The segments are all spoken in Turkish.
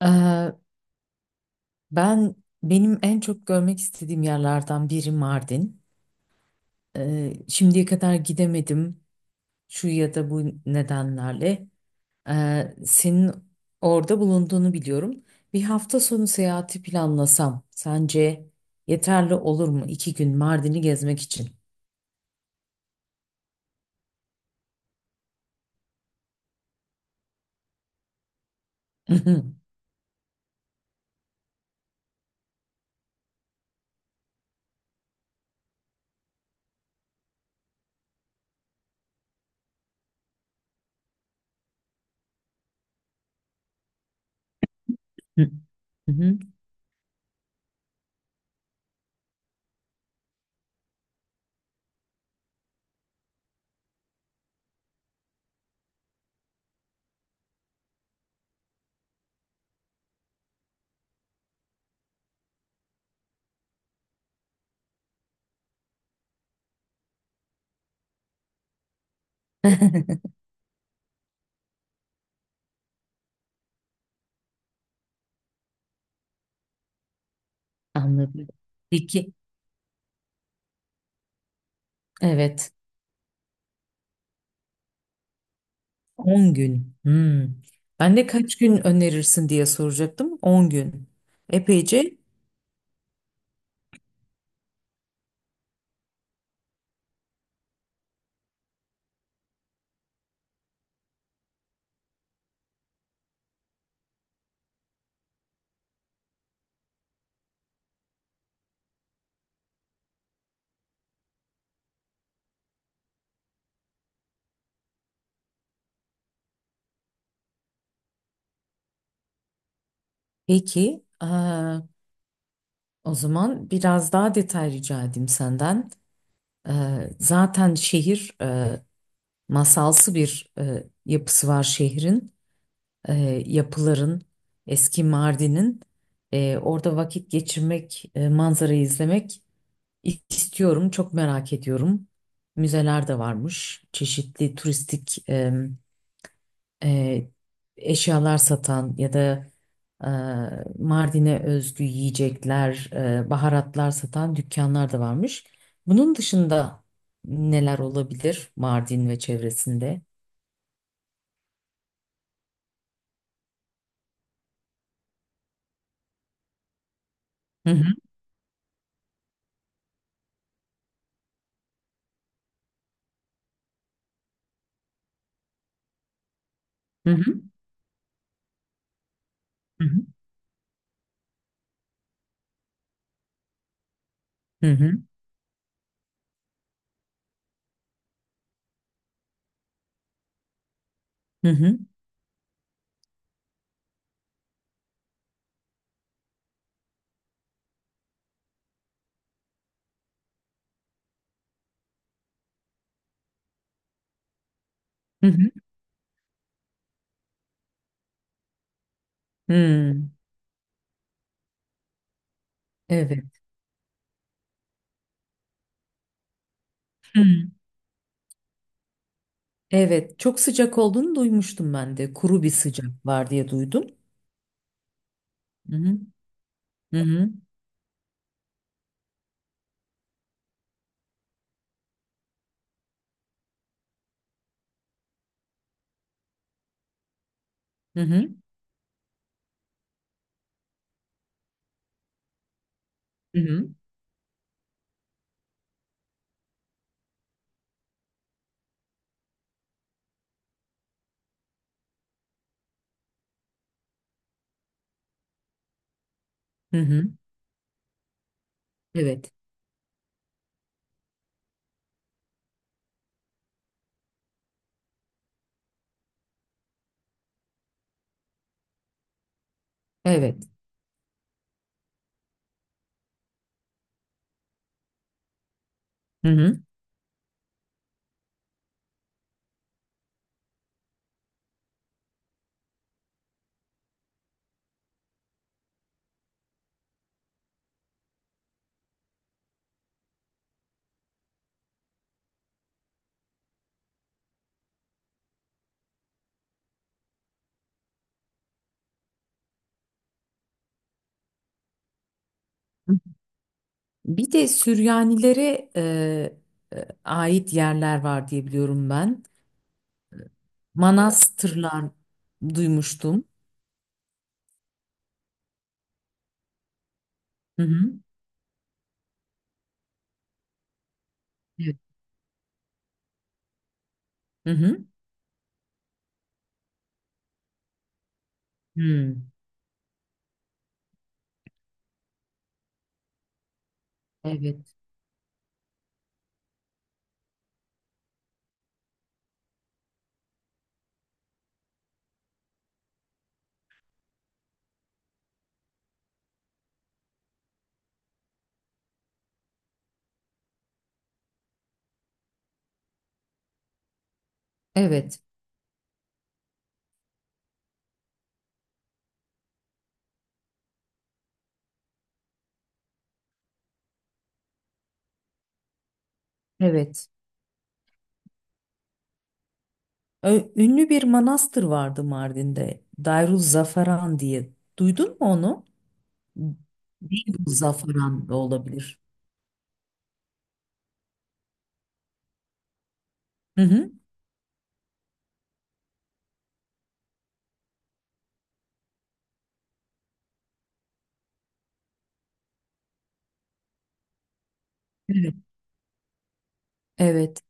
Eee, ben benim en çok görmek istediğim yerlerden biri Mardin. Şimdiye kadar gidemedim şu ya da bu nedenlerle. Senin orada bulunduğunu biliyorum. Bir hafta sonu seyahati planlasam sence yeterli olur mu? 2 gün Mardin'i gezmek için. Hı hı, Anladım. Peki. Evet. On gün. Hmm. Ben de kaç gün önerirsin diye soracaktım. 10 gün. Epeyce. Peki, o zaman biraz daha detay rica edeyim senden. Zaten şehir masalsı bir yapısı var şehrin. Yapıların, eski Mardin'in. Orada vakit geçirmek, manzarayı izlemek istiyorum, çok merak ediyorum. Müzeler de varmış, çeşitli turistik e, eşyalar satan ya da e, Mardin'e özgü yiyecekler, baharatlar satan dükkanlar da varmış. Bunun dışında neler olabilir Mardin ve çevresinde? Hı hı hı hı hı hı hı hı hı hı. Hı. Evet. Hı. Evet, çok sıcak olduğunu duymuştum ben de. Kuru bir sıcak var diye duydum. Hı hı hı hı hı hı hı. Hı hı. Evet. Evet. Hı hı. Bir de Süryanilere ait yerler var diye biliyorum ben. Manastırlar duymuştum. Hı hı. Evet. Hı hı. Hmm. Evet. Evet. Evet. Ünlü bir manastır vardı Mardin'de. Darul Zafaran diye. Duydun mu onu? Darul Zafaran da olabilir. Hı hı. Evet. Evet.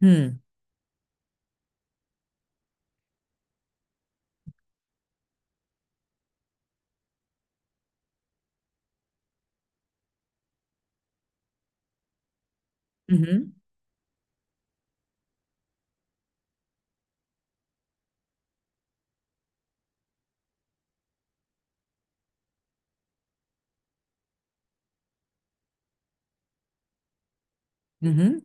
Hı hı. Hı hı.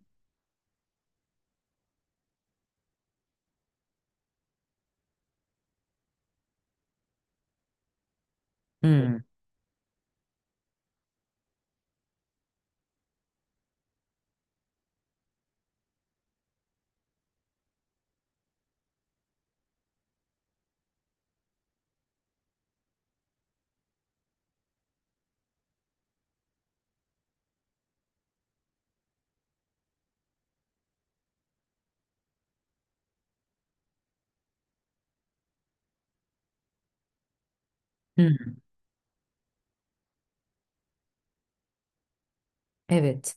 Hı hı. Evet.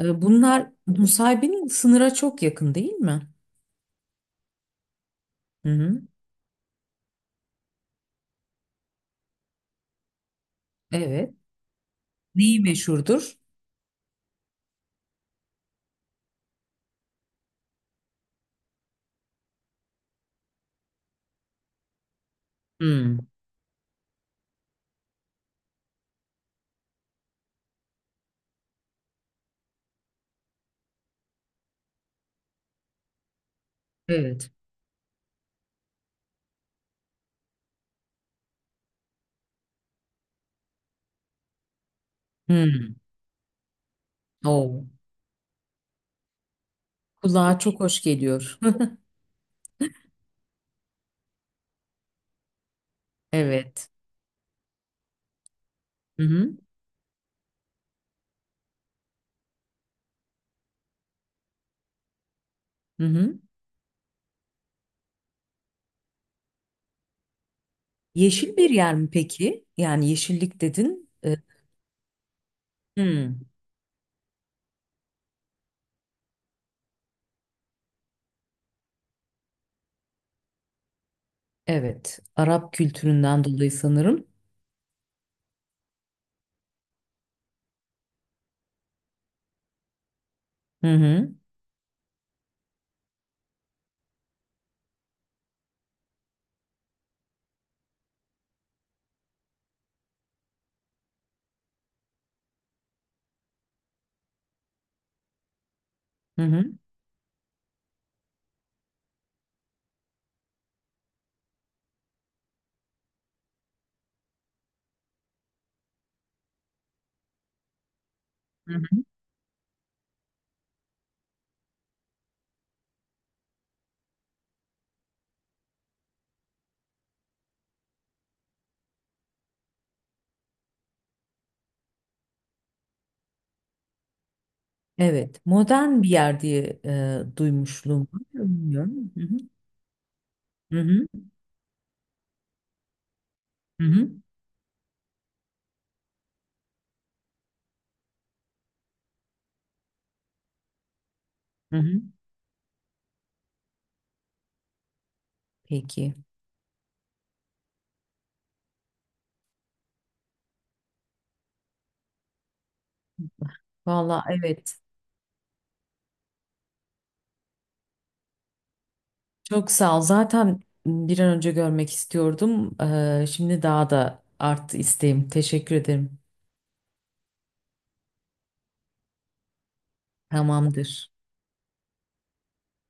Bunlar Nusaybin'in sınıra çok yakın değil mi? Hı hı. Evet. Neyi meşhurdur? Hmm. Evet. Hmm. Oo. Kulağa çok hoş geliyor. Evet. Hı hı. Hı hı. Yeşil bir yer mi peki? Yani yeşillik dedin. Hmm. Evet. Arap kültüründen dolayı sanırım. Hı hı. Hı hı. Hı hı. Evet. Modern bir yer diye duymuşluğum var. Bilmiyorum. Hı hı. Hı hı. Hı hı. Hı hı. Peki. Valla evet. Çok sağ ol. Zaten bir an önce görmek istiyordum. Şimdi daha da arttı isteğim. Teşekkür ederim. Tamamdır.